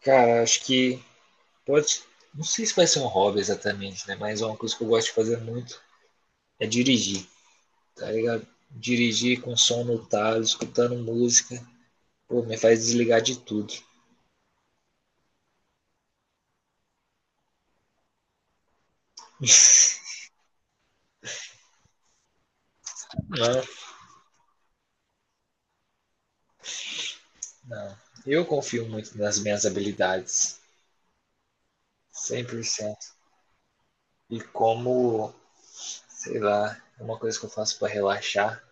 Cara, acho que pode. Não sei se vai ser um hobby exatamente, né? Mas é uma coisa que eu gosto de fazer muito é dirigir, tá ligado? Dirigir com som no talo, escutando música, pô, me faz desligar de tudo. Não, não. Eu confio muito nas minhas habilidades, 100%. E como, sei lá, é uma coisa que eu faço para relaxar.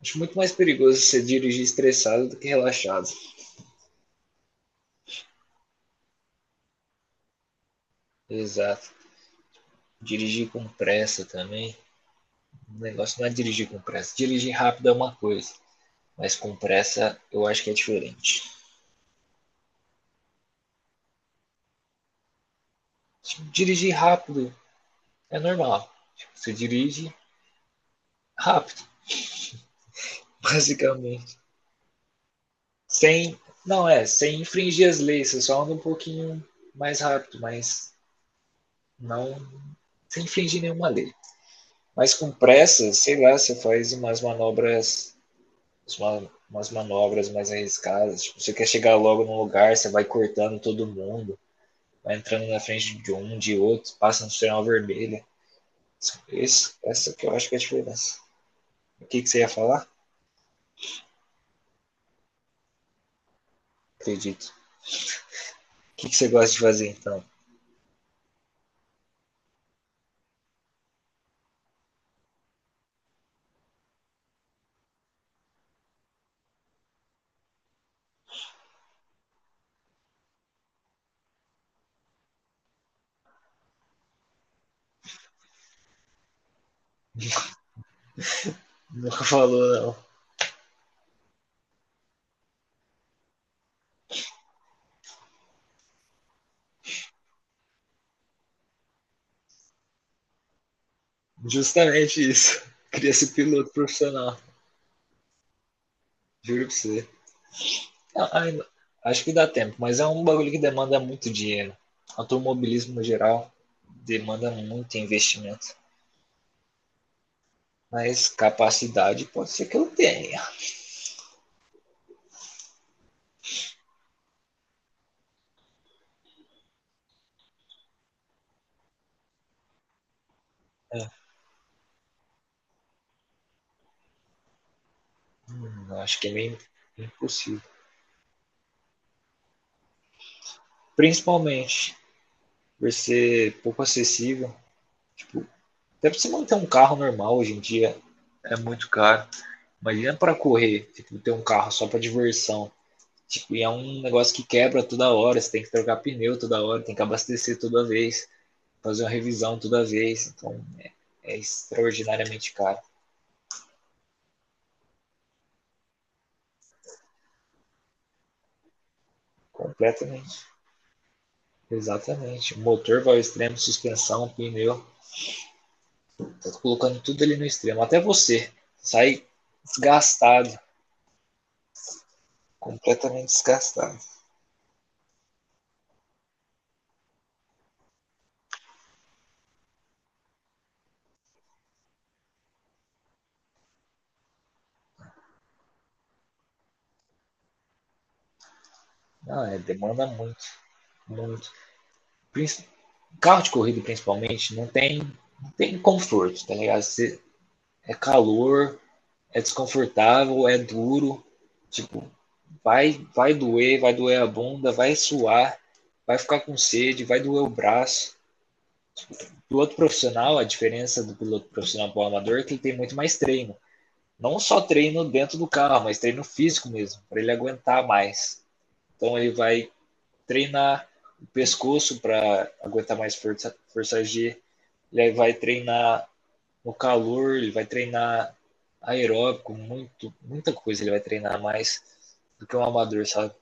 Acho muito mais perigoso você dirigir estressado do que relaxado. Exato. Dirigir com pressa também. O negócio não é dirigir com pressa. Dirigir rápido é uma coisa, mas com pressa eu acho que é diferente. Dirigir rápido é normal. Tipo, você dirige rápido, basicamente. Sem. Não, é, sem infringir as leis, você só anda um pouquinho mais rápido, mas não sem infringir nenhuma lei. Mas com pressa, sei lá, você faz umas manobras. Umas manobras mais arriscadas. Tipo, você quer chegar logo no lugar, você vai cortando todo mundo, vai entrando na frente de um, de outro, passa no sinal vermelho. Esse, essa que eu acho que é a diferença. O que, que você ia falar? Acredito. O que, que você gosta de fazer então? Nunca falou, não. Justamente isso. Queria ser piloto profissional. Juro pra você. Não, acho que dá tempo, mas é um bagulho que demanda muito dinheiro. Automobilismo no geral demanda muito investimento. Mas capacidade pode ser que eu tenha. É. Acho que é meio impossível. Principalmente por ser pouco acessível. Até para você manter um carro normal hoje em dia é muito caro. Imagina para correr, tipo, ter um carro só para diversão. Tipo, e é um negócio que quebra toda hora, você tem que trocar pneu toda hora, tem que abastecer toda vez, fazer uma revisão toda vez. Então é extraordinariamente caro. Completamente. Exatamente. Motor vai ao extremo, suspensão, pneu. Tá colocando tudo ali no extremo. Até você sai desgastado, completamente desgastado. Não, é, demanda muito. Muito. Princi- Carro de corrida, principalmente, não tem conforto, tá ligado? É calor, é desconfortável, é duro. Tipo, vai doer, vai doer a bunda, vai suar, vai ficar com sede, vai doer o braço. Tipo, piloto profissional, a diferença do piloto profissional para o amador é que ele tem muito mais treino. Não só treino dentro do carro, mas treino físico mesmo, para ele aguentar mais. Então ele vai treinar o pescoço para aguentar mais força, força G. Ele vai treinar no calor, ele vai treinar aeróbico, muito, muita coisa ele vai treinar mais do que um amador, sabe?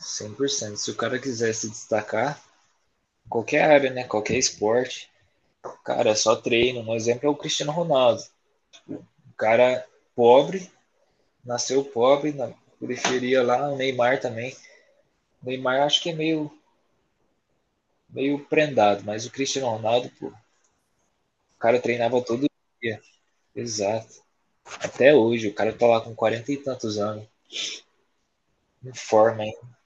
100%. Se o cara quiser se destacar, qualquer área, né? Qualquer esporte, cara, é só treino. Um exemplo é o Cristiano Ronaldo. Um cara pobre, nasceu pobre, na periferia lá, o Neymar também. O Neymar acho que é meio prendado, mas o Cristiano Ronaldo, o cara treinava todo dia. Exato. Até hoje, o cara tá lá com 40 e tantos anos. Em forma ainda.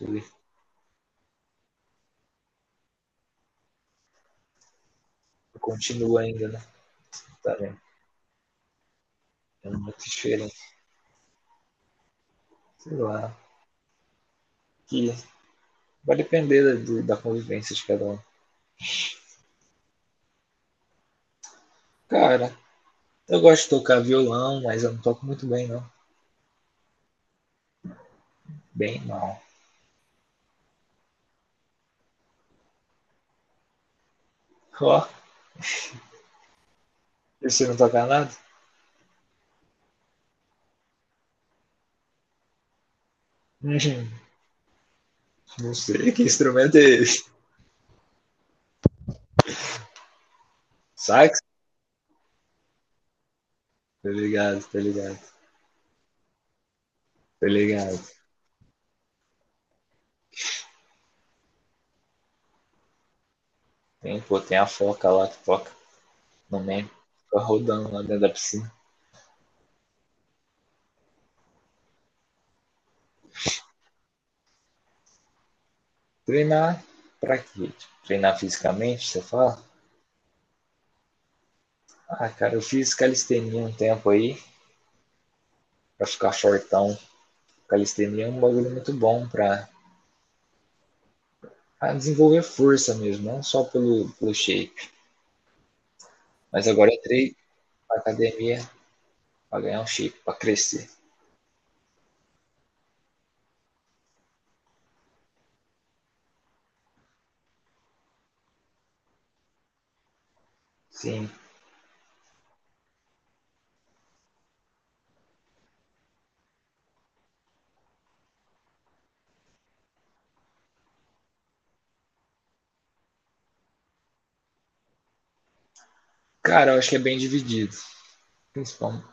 Ele continua ainda, né? Tá vendo? É muito diferente. Sei lá. Que vai depender da convivência de cada um. Cara, eu gosto de tocar violão, mas eu não toco muito bem, não. Bem mal. Ó, e você não toca nada? Hum, não sei que instrumento é esse. Sax? Tá ligado, tá ligado. Tá ligado. Tem, pô, tem a foca lá que toca. No México, ficava rodando lá dentro da piscina. Treinar pra quê? Tipo, treinar fisicamente, você fala? Ah, cara, eu fiz calistenia um tempo aí, pra ficar fortão. Calistenia é um bagulho muito bom pra, pra desenvolver força mesmo, não só pelo, pelo shape. Mas agora eu entrei pra academia pra ganhar um shape, pra crescer. Sim. Cara, eu acho que é bem dividido. Principalmente.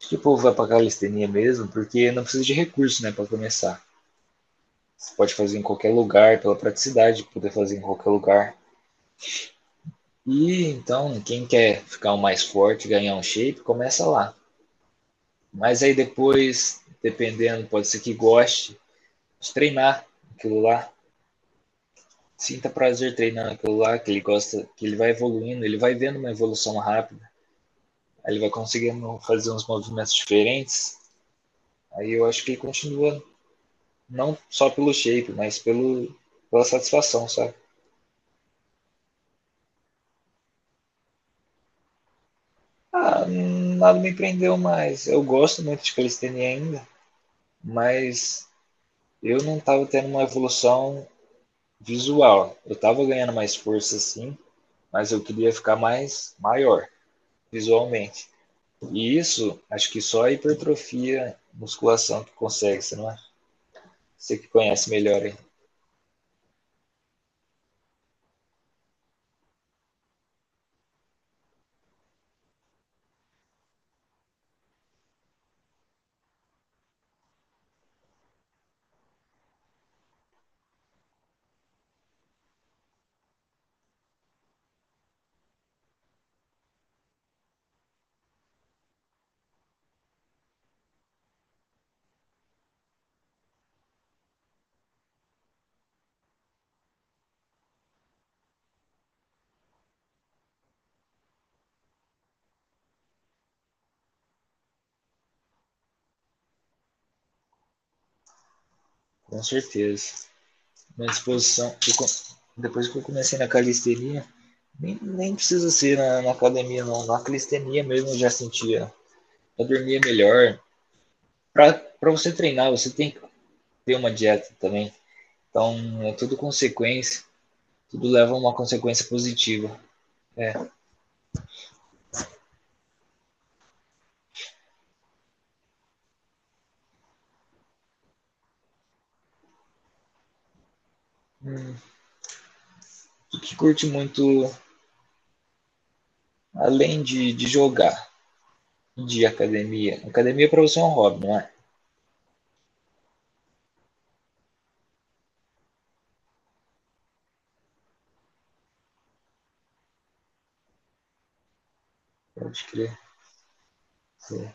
Acho que o povo vai pra calistenia mesmo, porque não precisa de recurso, né, pra começar. Você pode fazer em qualquer lugar, pela praticidade, de poder fazer em qualquer lugar. E então, quem quer ficar o mais forte, ganhar um shape, começa lá. Mas aí depois, dependendo, pode ser que goste de treinar aquilo lá, sinta prazer treinando aquilo lá, que ele gosta, que ele vai evoluindo, ele vai vendo uma evolução rápida, aí ele vai conseguindo fazer uns movimentos diferentes. Aí eu acho que ele continua não só pelo shape, mas pelo, pela satisfação, sabe? Ah, nada me prendeu mais. Eu gosto muito de calistenia ainda, mas eu não estava tendo uma evolução visual. Eu estava ganhando mais força, sim, mas eu queria ficar mais maior visualmente. E isso, acho que só a hipertrofia, musculação que consegue, você não é? Você que conhece melhor aí, com certeza. Minha disposição, depois que eu comecei na calistenia, nem precisa ser na academia, não. Na calistenia mesmo eu já sentia, eu dormia melhor. Para você treinar, você tem que ter uma dieta também. Então é tudo consequência, tudo leva a uma consequência positiva. É. Tu que curte muito, além de jogar, de academia. Academia para você é um hobby, não é? Pode crer. Sim.